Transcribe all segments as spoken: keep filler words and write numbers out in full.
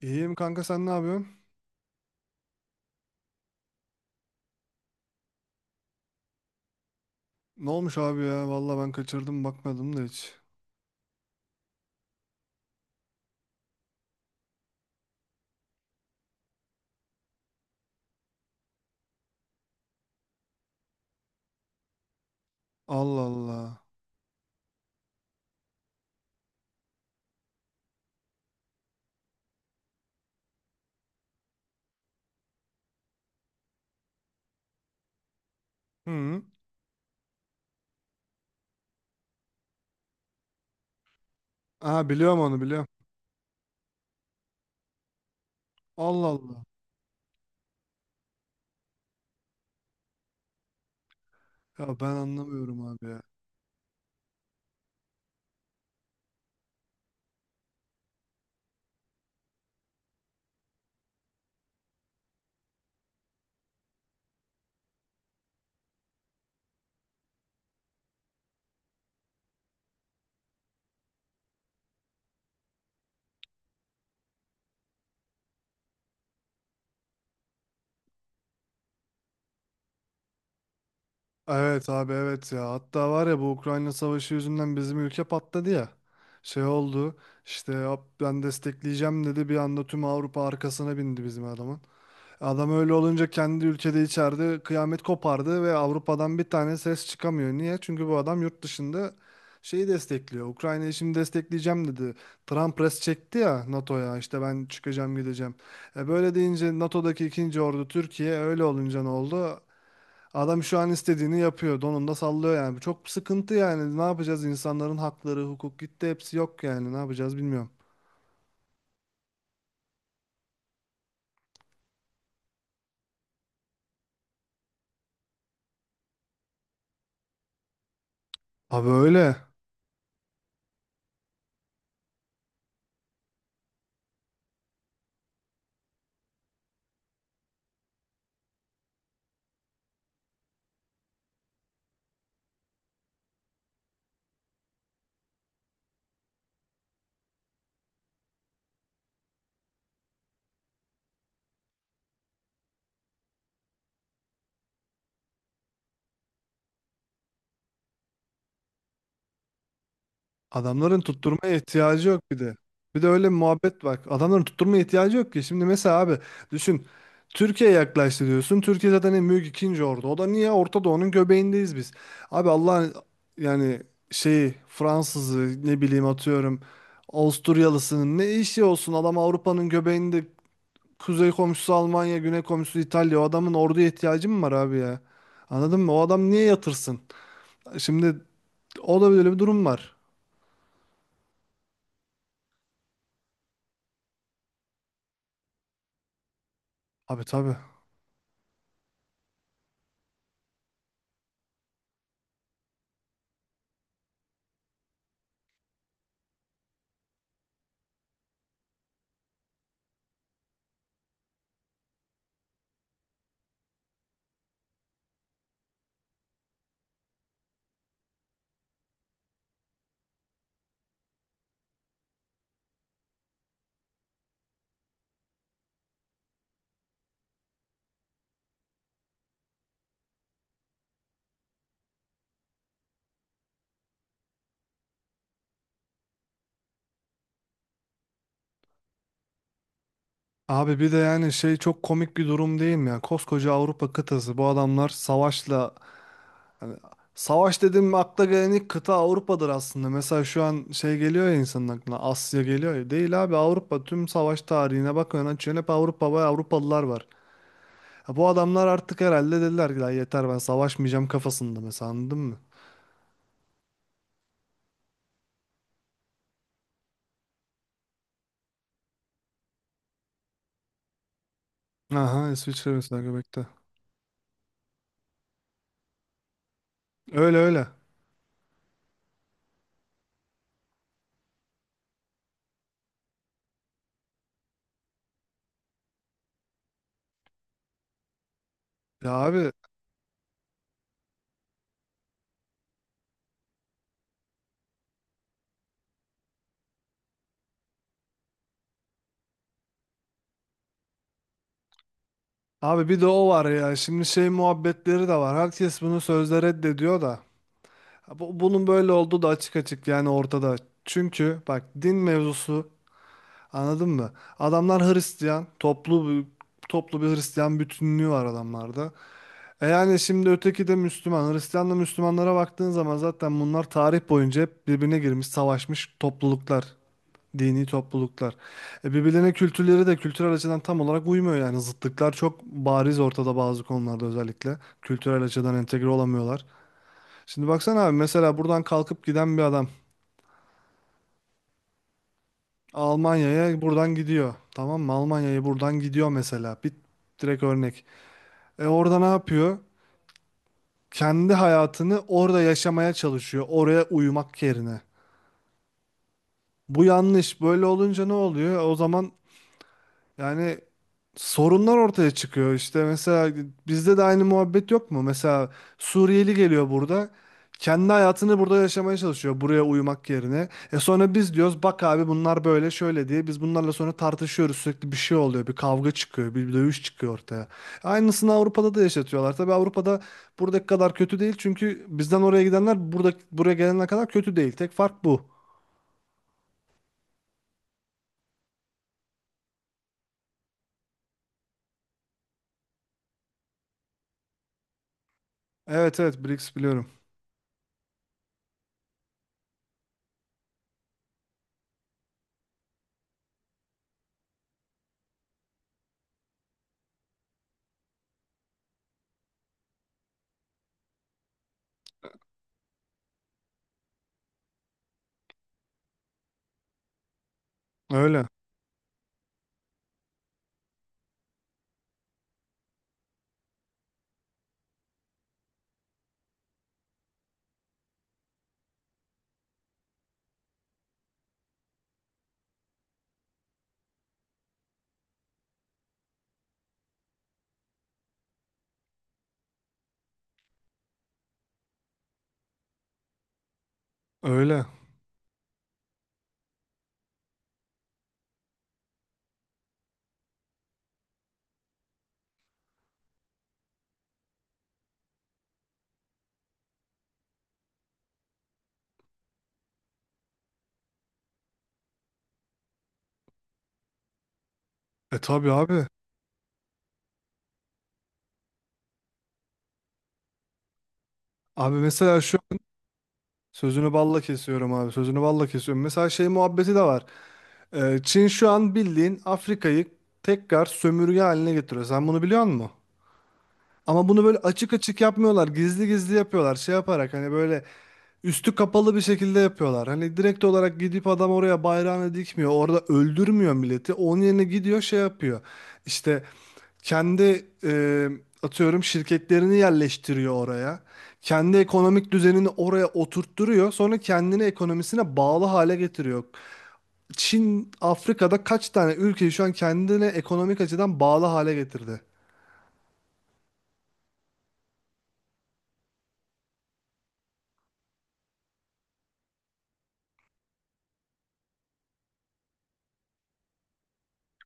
İyiyim kanka, sen ne yapıyorsun? Ne olmuş abi ya? Valla ben kaçırdım, bakmadım da hiç. Allah Allah. Hı. Aha, biliyorum onu, biliyorum. Allah Allah. Ya ben anlamıyorum abi ya. Evet abi, evet ya. Hatta var ya, bu Ukrayna savaşı yüzünden bizim ülke patladı ya. Şey oldu. İşte "Hop, ben destekleyeceğim" dedi. Bir anda tüm Avrupa arkasına bindi bizim adamın. Adam öyle olunca kendi ülkede içeride kıyamet kopardı ve Avrupa'dan bir tane ses çıkamıyor. Niye? Çünkü bu adam yurt dışında şeyi destekliyor. Ukrayna'yı şimdi destekleyeceğim dedi. Trump res çekti ya N A T O'ya, işte ben çıkacağım, gideceğim. E böyle deyince N A T O'daki ikinci ordu Türkiye, öyle olunca ne oldu? Adam şu an istediğini yapıyor. Donunda sallıyor yani. Bu çok sıkıntı yani. Ne yapacağız? İnsanların hakları, hukuk gitti. Hepsi yok yani. Ne yapacağız bilmiyorum. Abi öyle. Adamların tutturmaya ihtiyacı yok bir de. Bir de öyle bir muhabbet bak. Adamların tutturmaya ihtiyacı yok ki. Şimdi mesela abi düşün. Türkiye yaklaştı diyorsun. Türkiye zaten en büyük ikinci ordu. O da niye? Orta Doğu'nun göbeğindeyiz biz. Abi Allah'ın yani şeyi, Fransızı, ne bileyim, atıyorum Avusturyalısının ne işi olsun? Adam Avrupa'nın göbeğinde, kuzey komşusu Almanya, güney komşusu İtalya. O adamın orduya ihtiyacı mı var abi ya? Anladın mı? O adam niye yatırsın? Şimdi o da böyle bir durum var. Abi tabii. Abi bir de yani şey, çok komik bir durum değil mi ya? Koskoca Avrupa kıtası, bu adamlar savaşla, hani savaş dedim mi akla gelen ilk kıta Avrupa'dır aslında. Mesela şu an şey geliyor ya insanın aklına, Asya geliyor ya. Değil abi, Avrupa. Tüm savaş tarihine bakıyorsun, açıyorsun hep Avrupa ve Avrupalılar var. Ya bu adamlar artık herhalde dediler ki "Lan yeter, ben savaşmayacağım" kafasında mesela, anladın mı? Aha, İsviçre mesela göbekte. Öyle öyle. Ya abi abi bir de o var ya, şimdi şey muhabbetleri de var. Herkes bunu sözde reddediyor da. Ha, bu- bunun böyle olduğu da açık açık yani ortada. Çünkü bak, din mevzusu, anladın mı? Adamlar Hristiyan, toplu bir- toplu bir Hristiyan bütünlüğü var adamlarda. E yani şimdi öteki de Müslüman. Hristiyanla Müslümanlara baktığın zaman zaten bunlar tarih boyunca hep birbirine girmiş, savaşmış topluluklar, dini topluluklar. E birbirlerine kültürleri de, kültürel açıdan tam olarak uymuyor yani. Zıtlıklar çok bariz ortada bazı konularda özellikle. Kültürel açıdan entegre olamıyorlar. Şimdi baksana abi, mesela buradan kalkıp giden bir adam Almanya'ya buradan gidiyor. Tamam mı? Almanya'ya buradan gidiyor mesela. Bir direkt örnek. E orada ne yapıyor? Kendi hayatını orada yaşamaya çalışıyor. Oraya uyumak yerine. Bu yanlış. Böyle olunca ne oluyor? O zaman yani sorunlar ortaya çıkıyor işte. Mesela bizde de aynı muhabbet yok mu? Mesela Suriyeli geliyor, burada kendi hayatını burada yaşamaya çalışıyor buraya uyumak yerine. E sonra biz diyoruz bak abi, bunlar böyle şöyle diye biz bunlarla sonra tartışıyoruz, sürekli bir şey oluyor, bir kavga çıkıyor, bir dövüş çıkıyor ortaya. Aynısını Avrupa'da da yaşatıyorlar. Tabii Avrupa'da buradaki kadar kötü değil, çünkü bizden oraya gidenler, burada buraya gelenler kadar kötü değil. Tek fark bu. Evet evet, B R I C S biliyorum. Öyle öyle. E tabii abi. Abi mesela şu an sözünü balla kesiyorum abi. Sözünü balla kesiyorum. Mesela şey muhabbeti de var. Ee, Çin şu an bildiğin Afrika'yı tekrar sömürge haline getiriyor. Sen bunu biliyor musun? Ama bunu böyle açık açık yapmıyorlar. Gizli gizli yapıyorlar. Şey yaparak, hani böyle üstü kapalı bir şekilde yapıyorlar. Hani direkt olarak gidip adam oraya bayrağını dikmiyor. Orada öldürmüyor milleti. Onun yerine gidiyor şey yapıyor. İşte kendi e, atıyorum şirketlerini yerleştiriyor oraya. Kendi ekonomik düzenini oraya oturtturuyor. Sonra kendini ekonomisine bağlı hale getiriyor. Çin, Afrika'da kaç tane ülkeyi şu an kendine ekonomik açıdan bağlı hale getirdi.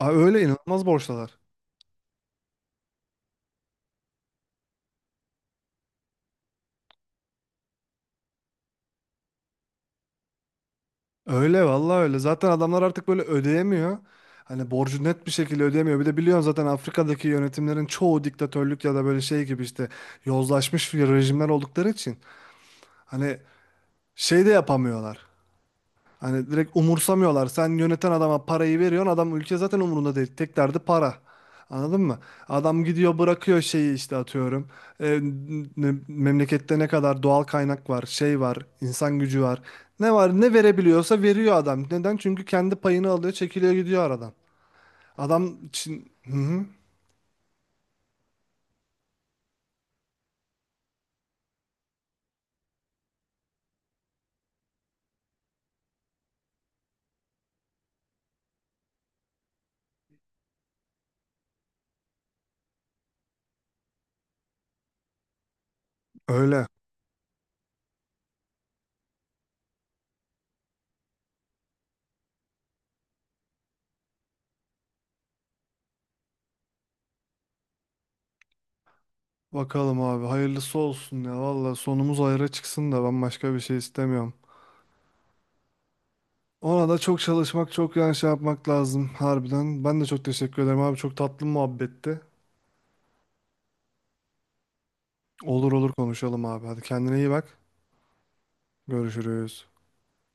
Aa, öyle inanılmaz borçlular. Öyle vallahi öyle. Zaten adamlar artık böyle ödeyemiyor. Hani borcu net bir şekilde ödeyemiyor. Bir de biliyorsun zaten Afrika'daki yönetimlerin çoğu diktatörlük ya da böyle şey gibi, işte yozlaşmış bir rejimler oldukları için hani şey de yapamıyorlar. Hani direkt umursamıyorlar. Sen yöneten adama parayı veriyorsun. Adam ülke zaten umurunda değil. Tek derdi para. Anladın mı? Adam gidiyor, bırakıyor şeyi, işte atıyorum. E, ne- memlekette ne kadar doğal kaynak var, şey var, insan gücü var. Ne var ne verebiliyorsa veriyor adam. Neden? Çünkü kendi payını alıyor, çekiliyor gidiyor aradan. Adam için... Hı hı. Öyle. Bakalım abi, hayırlısı olsun ya. Valla sonumuz hayra çıksın da ben başka bir şey istemiyorum. Ona da çok çalışmak, çok yani şey yapmak lazım harbiden. Ben de çok teşekkür ederim abi. Çok tatlı muhabbetti. Olur olur, konuşalım abi. Hadi kendine iyi bak. Görüşürüz.